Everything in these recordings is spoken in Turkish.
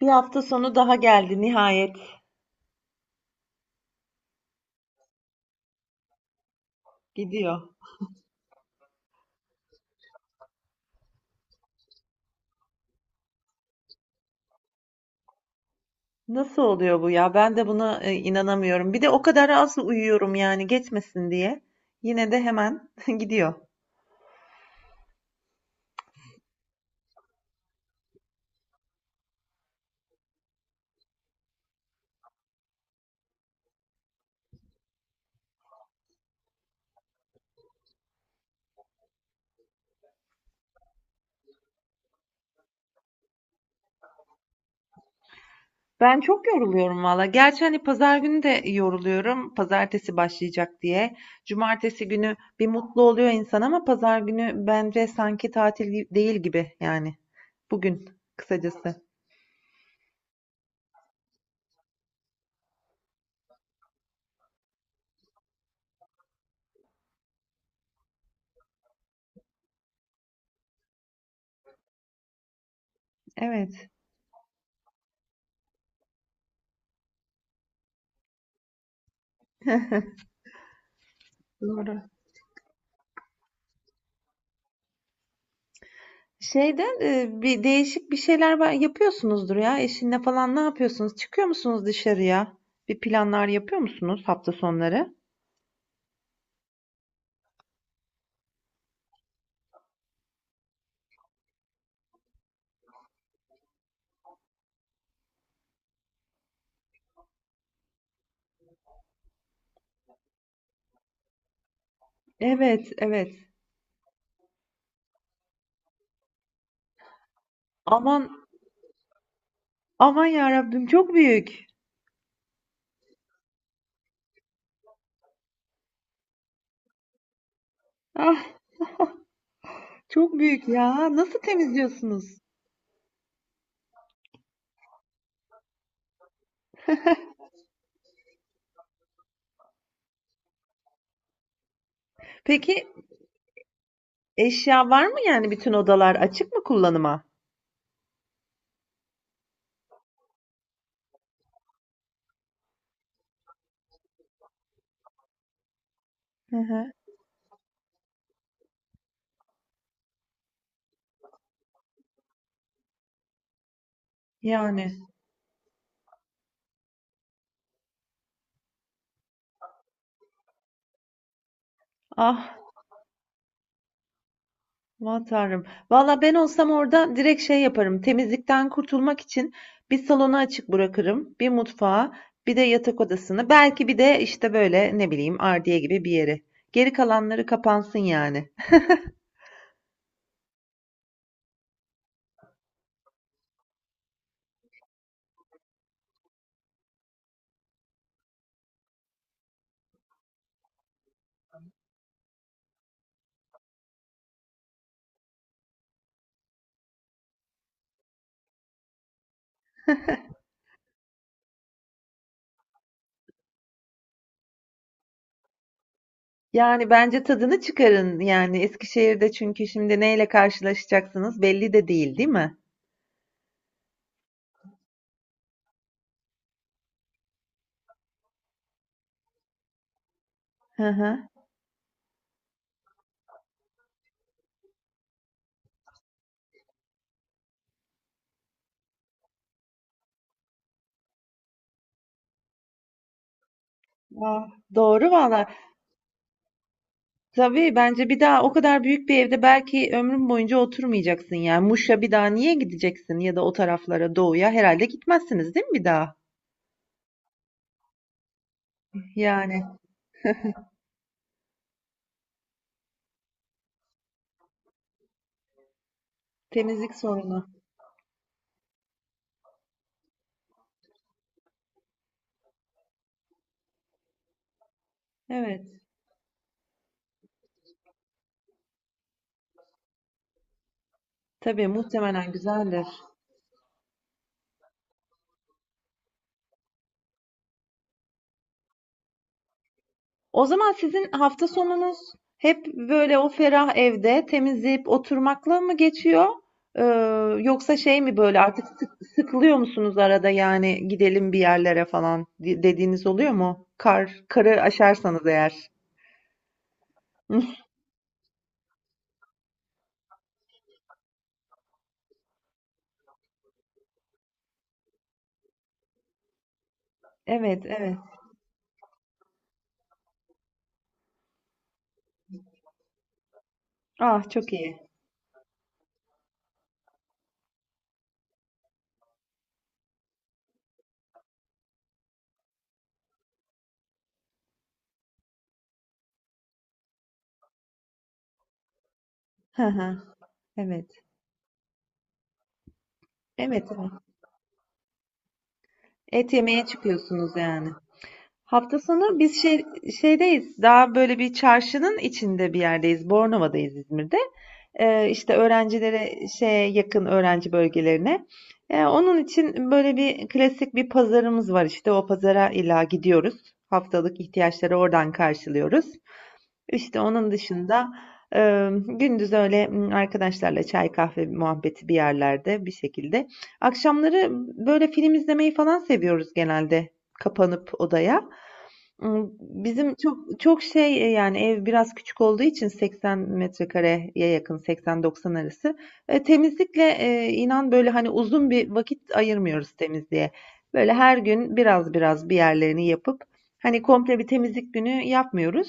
Bir hafta sonu daha geldi nihayet. Gidiyor. Nasıl oluyor bu ya? Ben de buna inanamıyorum. Bir de o kadar az uyuyorum yani geçmesin diye. Yine de hemen gidiyor. Ben çok yoruluyorum valla. Gerçi hani pazar günü de yoruluyorum. Pazartesi başlayacak diye. Cumartesi günü bir mutlu oluyor insan ama pazar günü bence sanki tatil değil gibi yani. Bugün kısacası. Evet, doğru. Şeyden, bir değişik bir şeyler be yapıyorsunuzdur ya eşinle falan. Ne yapıyorsunuz? Çıkıyor musunuz dışarıya? Bir planlar yapıyor musunuz hafta sonları? Evet, evet. Aman, aman yarabbim çok büyük. Ah, çok büyük ya. Nasıl temizliyorsunuz? Peki eşya var mı yani bütün odalar açık mı kullanıma? Hı hı. Yani. Ah. Aman tanrım. Valla ben olsam orada direkt şey yaparım. Temizlikten kurtulmak için bir salonu açık bırakırım. Bir mutfağı, bir de yatak odasını. Belki bir de işte böyle ne bileyim ardiye gibi bir yeri. Geri kalanları kapansın yani. Yani bence tadını çıkarın yani Eskişehir'de çünkü şimdi neyle karşılaşacaksınız belli de değil, değil mi? Hı hı. Aa, doğru valla. Tabii bence bir daha o kadar büyük bir evde belki ömrün boyunca oturmayacaksın yani. Muş'a bir daha niye gideceksin ya da o taraflara doğuya herhalde gitmezsiniz değil mi bir daha? Yani temizlik sorunu. Evet. Tabii muhtemelen güzeldir. O zaman sizin hafta sonunuz hep böyle o ferah evde temizleyip oturmakla mı geçiyor? Ee, yoksa şey mi böyle artık sıkılıyor musunuz arada yani gidelim bir yerlere falan dediğiniz oluyor mu? Karı aşarsanız eğer. Evet, evet. Ah çok iyi. Hı hı. Evet. Evet, evet. Et yemeye çıkıyorsunuz yani. Hafta sonu biz şeydeyiz. Daha böyle bir çarşının içinde bir yerdeyiz. Bornova'dayız İzmir'de. İşte öğrencilere şeye yakın öğrenci bölgelerine. Onun için böyle bir klasik bir pazarımız var işte. O pazara illa gidiyoruz. Haftalık ihtiyaçları oradan karşılıyoruz. İşte onun dışında gündüz öyle arkadaşlarla çay kahve muhabbeti bir yerlerde bir şekilde. Akşamları böyle film izlemeyi falan seviyoruz genelde kapanıp odaya. Bizim çok çok şey, yani, ev biraz küçük olduğu için 80 metrekareye yakın, 80-90 arası. Temizlikle, inan, böyle, hani, uzun bir vakit ayırmıyoruz temizliğe. Böyle her gün biraz biraz bir yerlerini yapıp, hani, komple bir temizlik günü yapmıyoruz.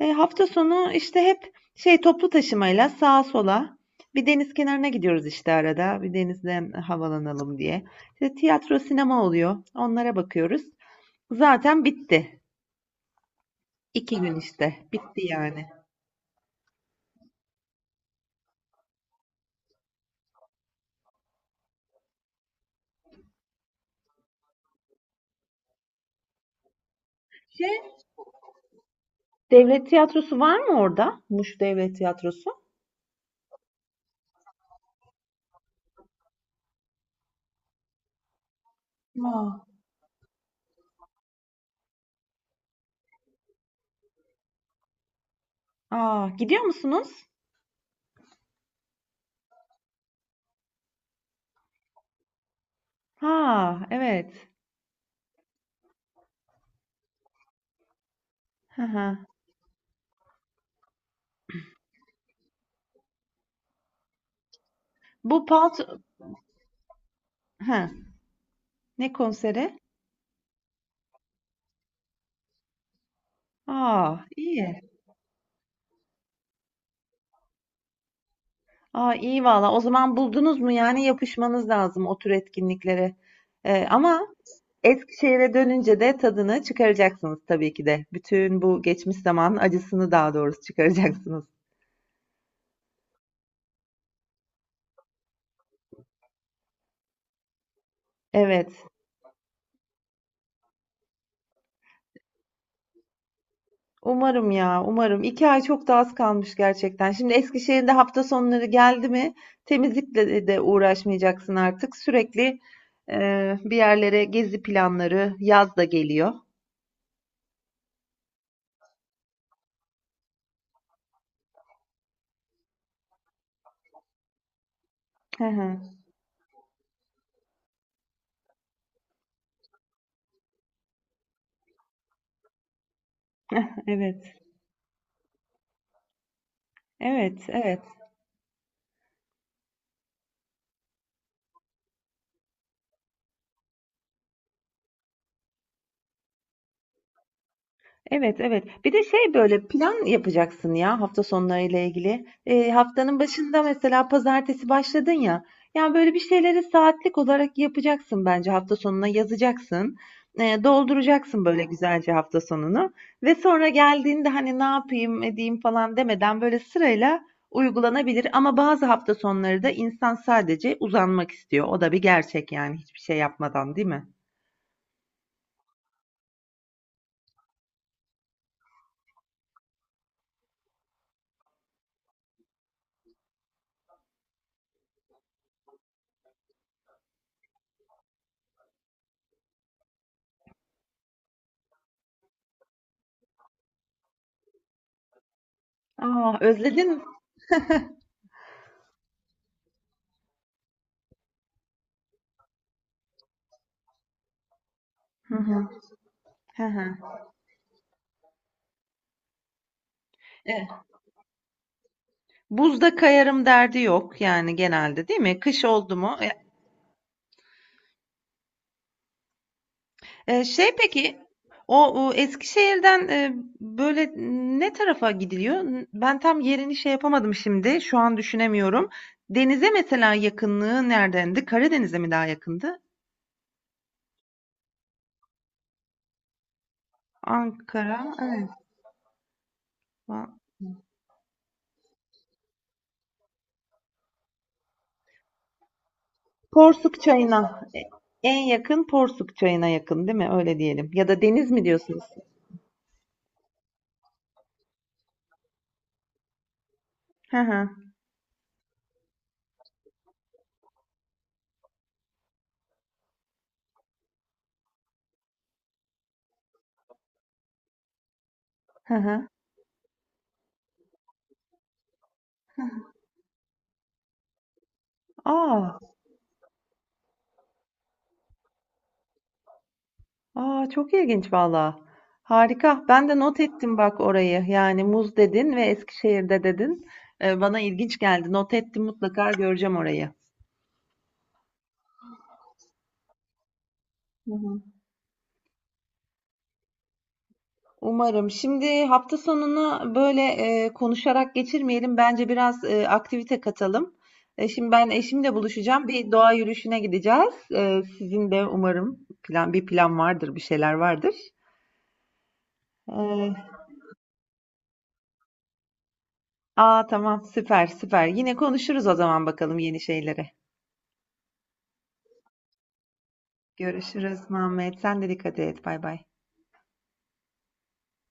Hafta sonu, işte, hep şey, toplu taşımayla sağa sola, bir deniz kenarına gidiyoruz, işte, arada, bir denizden havalanalım diye. İşte, tiyatro, sinema oluyor, onlara bakıyoruz. Zaten bitti. İki gün işte. Bitti yani. Şey, devlet tiyatrosu var mı orada? Muş Devlet Tiyatrosu. Aa, Aa, gidiyor musunuz? Ha, evet. Hı hı. Bu Palt... Ha, ne konseri? Aa, iyi. Aa, iyi valla. O zaman buldunuz mu? Yani yapışmanız lazım o tür etkinliklere. Ama Eskişehir'e dönünce de tadını çıkaracaksınız tabii ki de. Bütün bu geçmiş zaman acısını daha doğrusu çıkaracaksınız. Evet. Umarım ya, umarım. İki ay çok da az kalmış gerçekten. Şimdi Eskişehir'de hafta sonları geldi mi, temizlikle de uğraşmayacaksın artık. Sürekli bir yerlere gezi planları, yaz da geliyor. Hı hı. Evet, evet, evet. Evet, evet. Bir de şey böyle plan yapacaksın ya hafta sonlarıyla ilgili. Haftanın başında mesela pazartesi başladın ya. Yani böyle bir şeyleri saatlik olarak yapacaksın bence hafta sonuna yazacaksın. Dolduracaksın böyle güzelce hafta sonunu. Ve sonra geldiğinde hani ne yapayım edeyim falan demeden böyle sırayla uygulanabilir. Ama bazı hafta sonları da insan sadece uzanmak istiyor. O da bir gerçek yani hiçbir şey yapmadan değil mi? Aa, özledin mi? Hı hı. Hı hı. Buzda kayarım derdi yok yani genelde değil mi? Kış oldu mu? Şey, peki o Eskişehir'den böyle ne tarafa gidiliyor? Ben tam yerini şey yapamadım şimdi. Şu an düşünemiyorum. Denize mesela yakınlığı neredendi? Karadeniz'e mi daha yakındı? Ankara, evet. Va- Porsuk Çayı'na. En yakın Porsuk Çayı'na yakın değil mi? Öyle diyelim. Ya da deniz mi diyorsunuz? Hı hı. Hı hı. Aa. A! Çok ilginç valla. Harika. Ben de not ettim bak orayı. Yani muz dedin ve Eskişehir'de dedin. Bana ilginç geldi. Not ettim mutlaka göreceğim orayı. Hı hı. Umarım. Şimdi hafta sonunu böyle konuşarak geçirmeyelim. Bence biraz aktivite katalım. Şimdi ben eşimle buluşacağım. Bir doğa yürüyüşüne gideceğiz. Sizin de umarım bir plan vardır, bir şeyler vardır. Eee, aa tamam süper süper. Yine konuşuruz o zaman bakalım yeni şeyleri. Görüşürüz Muhammed. Sen de dikkat et. Bay bay.